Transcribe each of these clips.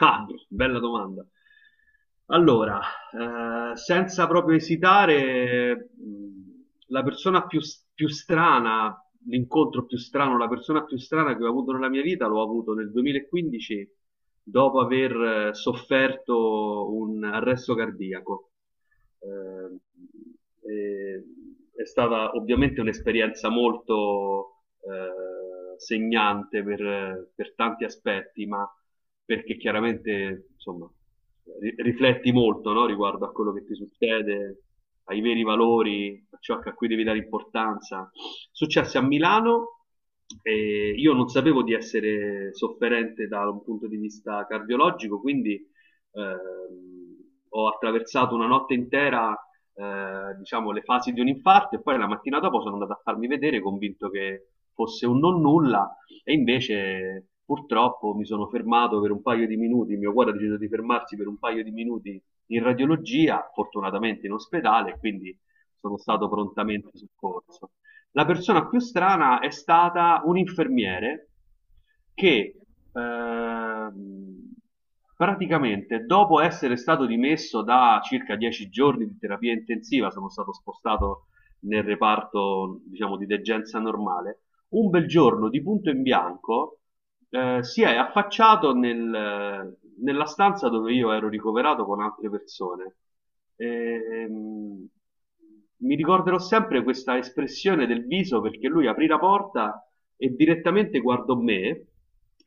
Ah, bella domanda. Allora, senza proprio esitare, la persona più, più strana, l'incontro più strano, la persona più strana che ho avuto nella mia vita l'ho avuto nel 2015 dopo aver sofferto un arresto cardiaco eh, e, è stata ovviamente un'esperienza molto segnante per tanti aspetti, ma perché chiaramente insomma, rifletti molto, no? Riguardo a quello che ti succede, ai veri valori, a ciò a cui devi dare importanza. Successe a Milano, e io non sapevo di essere sofferente da un punto di vista cardiologico, quindi eh, ho attraversato una notte intera, diciamo, le fasi di un infarto, e poi la mattina dopo sono andato a farmi vedere convinto che fosse un non nulla, e invece purtroppo mi sono fermato per un paio di minuti, il mio cuore ha deciso di fermarsi per un paio di minuti in radiologia, fortunatamente in ospedale, quindi sono stato prontamente soccorso. La persona più strana è stata un infermiere che ehm, praticamente dopo essere stato dimesso da circa 10 giorni di terapia intensiva, sono stato spostato nel reparto, diciamo, di degenza normale. Un bel giorno, di punto in bianco, si è affacciato nella stanza dove io ero ricoverato con altre persone. Ehm, Mi ricorderò sempre questa espressione del viso, perché lui aprì la porta e direttamente guardò me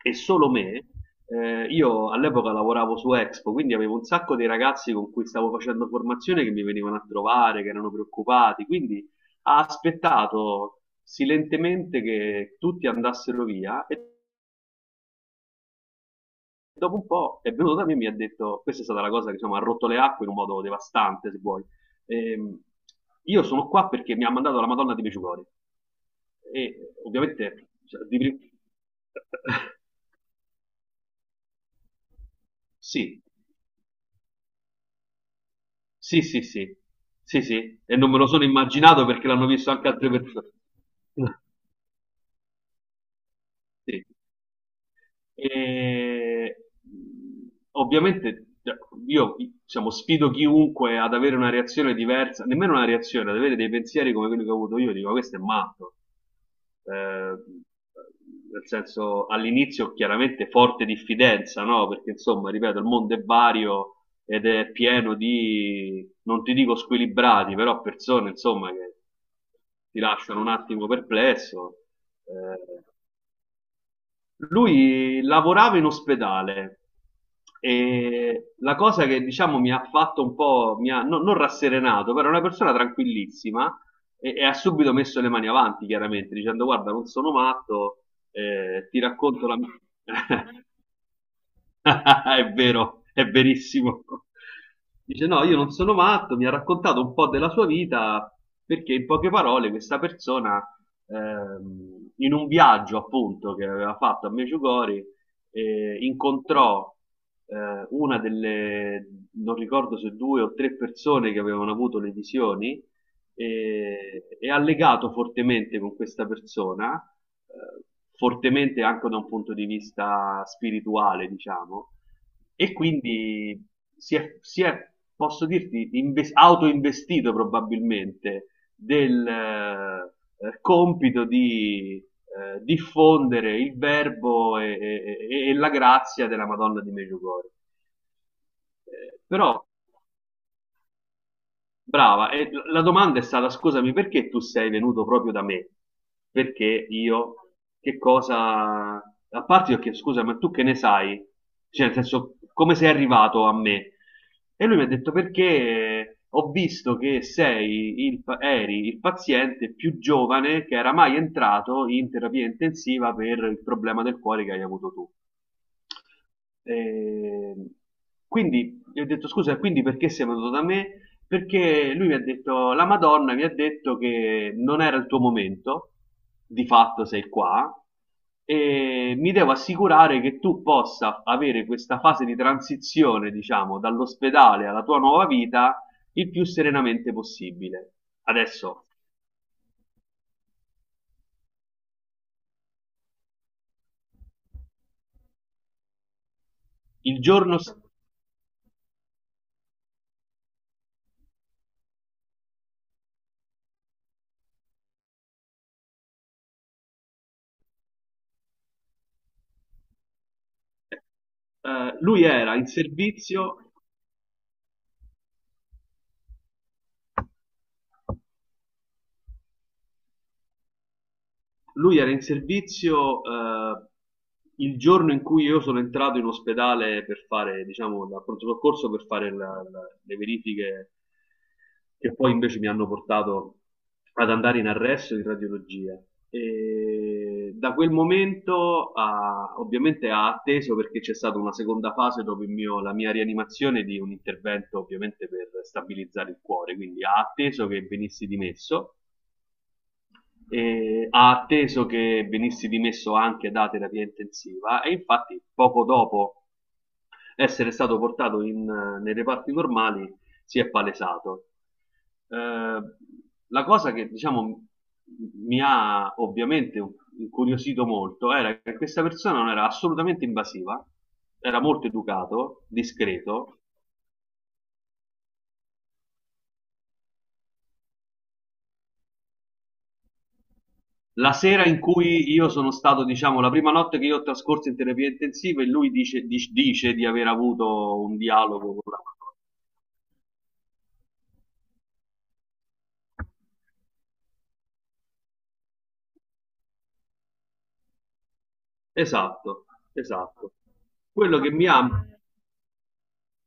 e solo me. Io all'epoca lavoravo su Expo, quindi avevo un sacco di ragazzi con cui stavo facendo formazione che mi venivano a trovare, che erano preoccupati, quindi ha aspettato silentemente che tutti andassero via, e dopo un po' è venuto da me e mi ha detto, questa è stata la cosa che insomma, ha rotto le acque in un modo devastante, se vuoi. Ehm, io sono qua perché mi ha mandato la Madonna di Medjugorje, e ovviamente cioè, sì, sì, sì, sì, sì, sì, e non me lo sono immaginato perché l'hanno visto anche altre persone. Sì. E ovviamente cioè, io diciamo, sfido chiunque ad avere una reazione diversa, nemmeno una reazione, ad avere dei pensieri come quelli che ho avuto io, dico questo è matto. Eh, nel senso, all'inizio chiaramente forte diffidenza, no? Perché insomma, ripeto, il mondo è vario ed è pieno di, non ti dico squilibrati, però persone insomma che ti lasciano un attimo perplesso. Eh, lui lavorava in ospedale, e la cosa che diciamo mi ha fatto un po', mi ha, non rasserenato, però è una persona tranquillissima, e ha subito messo le mani avanti, chiaramente, dicendo guarda, non sono matto, ti racconto la mia... È vero, è verissimo. Dice: No, io non sono matto. Mi ha raccontato un po' della sua vita perché, in poche parole, questa persona, in un viaggio appunto che aveva fatto a Medjugorje, incontrò una delle, non ricordo se due o tre persone che avevano avuto le visioni, e, e ha legato fortemente con questa persona, eh, fortemente anche da un punto di vista spirituale, diciamo, e quindi si è, posso dirti, autoinvestito probabilmente del compito di diffondere il verbo e, e la grazia della Madonna di Medjugorje. Però brava, e la domanda è stata, scusami, perché tu sei venuto proprio da me? Perché io, che cosa, a parte io che, scusa, ma tu che ne sai? Cioè, nel senso, come sei arrivato a me? E lui mi ha detto, perché ho visto che sei il, eri il paziente più giovane che era mai entrato in terapia intensiva per il problema del cuore che hai avuto tu. E quindi gli ho detto scusa, quindi perché sei venuto da me? Perché lui mi ha detto, la Madonna mi ha detto che non era il tuo momento, di fatto sei qua, e mi devo assicurare che tu possa avere questa fase di transizione, diciamo, dall'ospedale alla tua nuova vita il più serenamente possibile. Adesso, il giorno, lui era in servizio. Lui era in servizio, il giorno in cui io sono entrato in ospedale per fare, diciamo, da pronto soccorso per fare le verifiche, che poi invece mi hanno portato ad andare in arresto in radiologia. E da quel momento ovviamente ha atteso, perché c'è stata una seconda fase dopo la mia rianimazione di un intervento ovviamente per stabilizzare il cuore, quindi ha atteso che venissi dimesso, ha atteso che venissi dimesso anche da terapia intensiva, e infatti poco dopo essere stato portato in, nei reparti normali si è palesato. Eh, la cosa che diciamo mi ha ovviamente incuriosito molto, era che questa persona non era assolutamente invasiva, era molto educato, discreto. La sera in cui io sono stato, diciamo, la prima notte che io ho trascorso in terapia intensiva, e lui dice, dice di aver avuto un dialogo con la... Esatto, esatto. Quello che mi ha...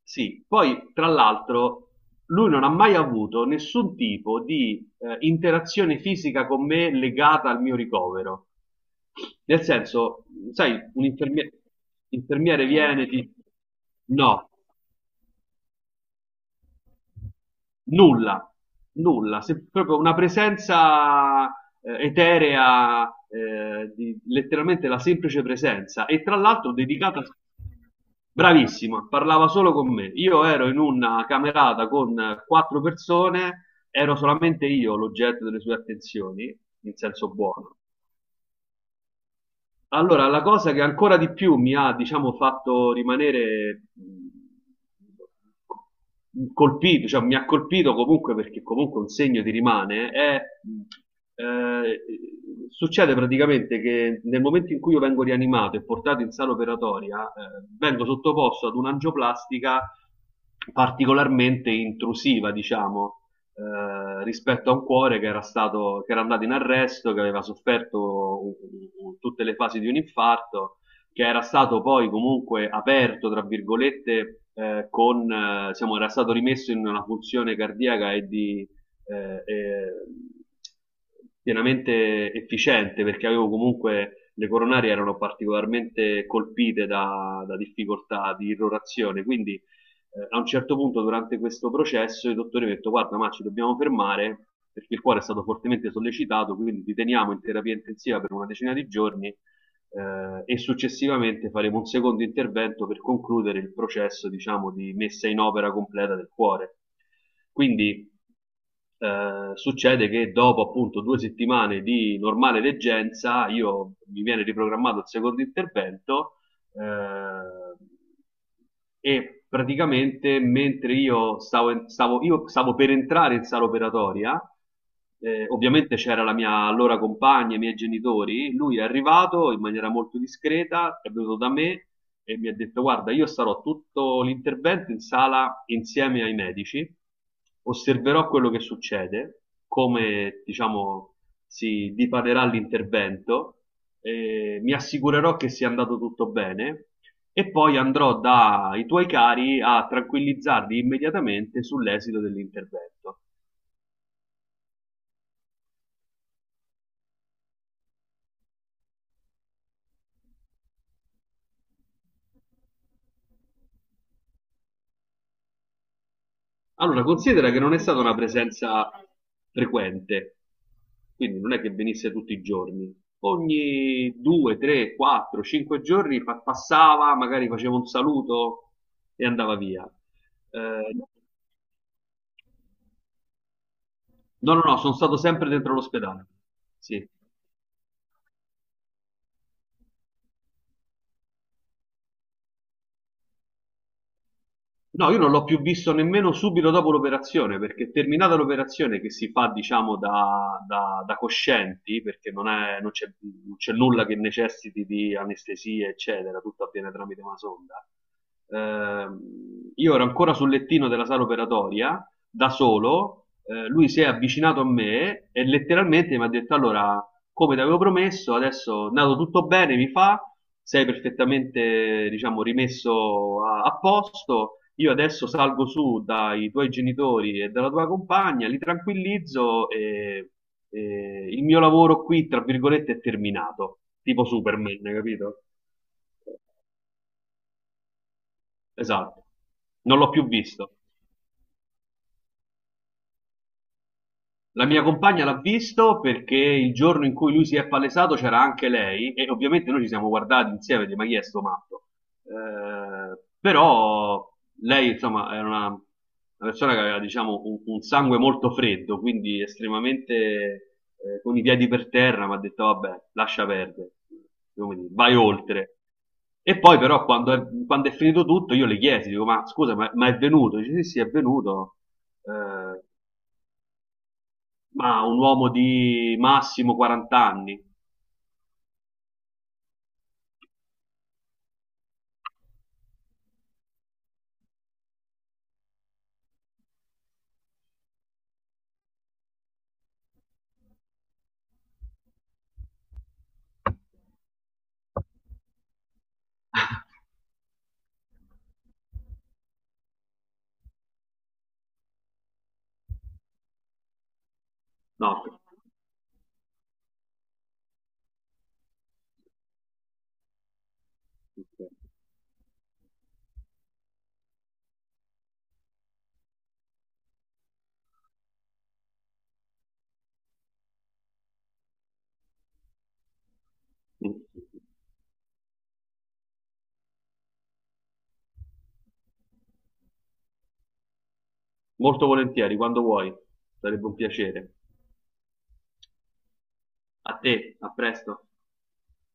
Sì, poi tra l'altro lui non ha mai avuto nessun tipo di interazione fisica con me legata al mio ricovero. Nel senso, sai, un infermiere viene, ti... No, nulla, nulla, proprio una presenza eterea, letteralmente la semplice presenza, e tra l'altro dedicata, bravissima, parlava solo con me. Io ero in una camerata con quattro persone, ero solamente io l'oggetto delle sue attenzioni, in senso buono. Allora, la cosa che ancora di più mi ha, diciamo, fatto rimanere colpito, cioè mi ha colpito comunque, perché comunque un segno ti rimane, è, eh, succede praticamente che nel momento in cui io vengo rianimato e portato in sala operatoria, vengo sottoposto ad un'angioplastica particolarmente intrusiva, diciamo, rispetto a un cuore che era, stato, che era andato in arresto, che aveva sofferto tutte le fasi di un infarto, che era stato poi comunque aperto, tra virgolette, con, diciamo, era stato rimesso in una funzione cardiaca e di, eh, eh, pienamente efficiente, perché avevo comunque le coronarie erano particolarmente colpite da, da difficoltà di irrorazione, quindi a un certo punto durante questo processo i dottori hanno detto guarda, ma ci dobbiamo fermare perché il cuore è stato fortemente sollecitato, quindi ti teniamo in terapia intensiva per una decina di giorni, e successivamente faremo un secondo intervento per concludere il processo, diciamo, di messa in opera completa del cuore. Quindi succede che dopo appunto due settimane di normale leggenza io mi viene riprogrammato il secondo intervento, eh, e praticamente mentre io stavo, io stavo per entrare in sala operatoria, ovviamente c'era la mia allora compagna, i miei genitori, lui è arrivato in maniera molto discreta, è venuto da me e mi ha detto guarda, io sarò tutto l'intervento in sala insieme ai medici, osserverò quello che succede, come diciamo si dipanerà l'intervento, mi assicurerò che sia andato tutto bene, e poi andrò dai tuoi cari a tranquillizzarli immediatamente sull'esito dell'intervento. Allora, considera che non è stata una presenza frequente, quindi non è che venisse tutti i giorni. Ogni due, tre, quattro, cinque giorni passava, magari faceva un saluto e andava via. Eh, no, no, no, sono stato sempre dentro l'ospedale. Sì. No, io non l'ho più visto nemmeno subito dopo l'operazione, perché terminata l'operazione che si fa, diciamo, da, da coscienti, perché non c'è, non c'è nulla che necessiti di anestesia, eccetera, tutto avviene tramite una sonda. Ehm, io ero ancora sul lettino della sala operatoria, da solo, lui si è avvicinato a me e letteralmente mi ha detto, allora, come ti avevo promesso, adesso è andato tutto bene, mi fa sei perfettamente, diciamo, rimesso a, a posto. Io adesso salgo su dai tuoi genitori e dalla tua compagna, li tranquillizzo, e il mio lavoro qui, tra virgolette, è terminato, tipo Superman, capito? Esatto, non l'ho più visto. La mia compagna l'ha visto perché il giorno in cui lui si è palesato c'era anche lei, e ovviamente noi ci siamo guardati insieme, di ma chi è sto matto? Però lei insomma era una persona che aveva diciamo un sangue molto freddo, quindi estremamente con i piedi per terra, mi ha detto vabbè, lascia perdere, come dire, vai oltre. E poi però quando è finito tutto io le chiesi, dico ma scusa, ma è venuto? Dice sì sì è venuto. Eh, ma un uomo di massimo 40 anni. No. Molto volentieri, quando vuoi. Sarebbe un piacere. A te, a presto.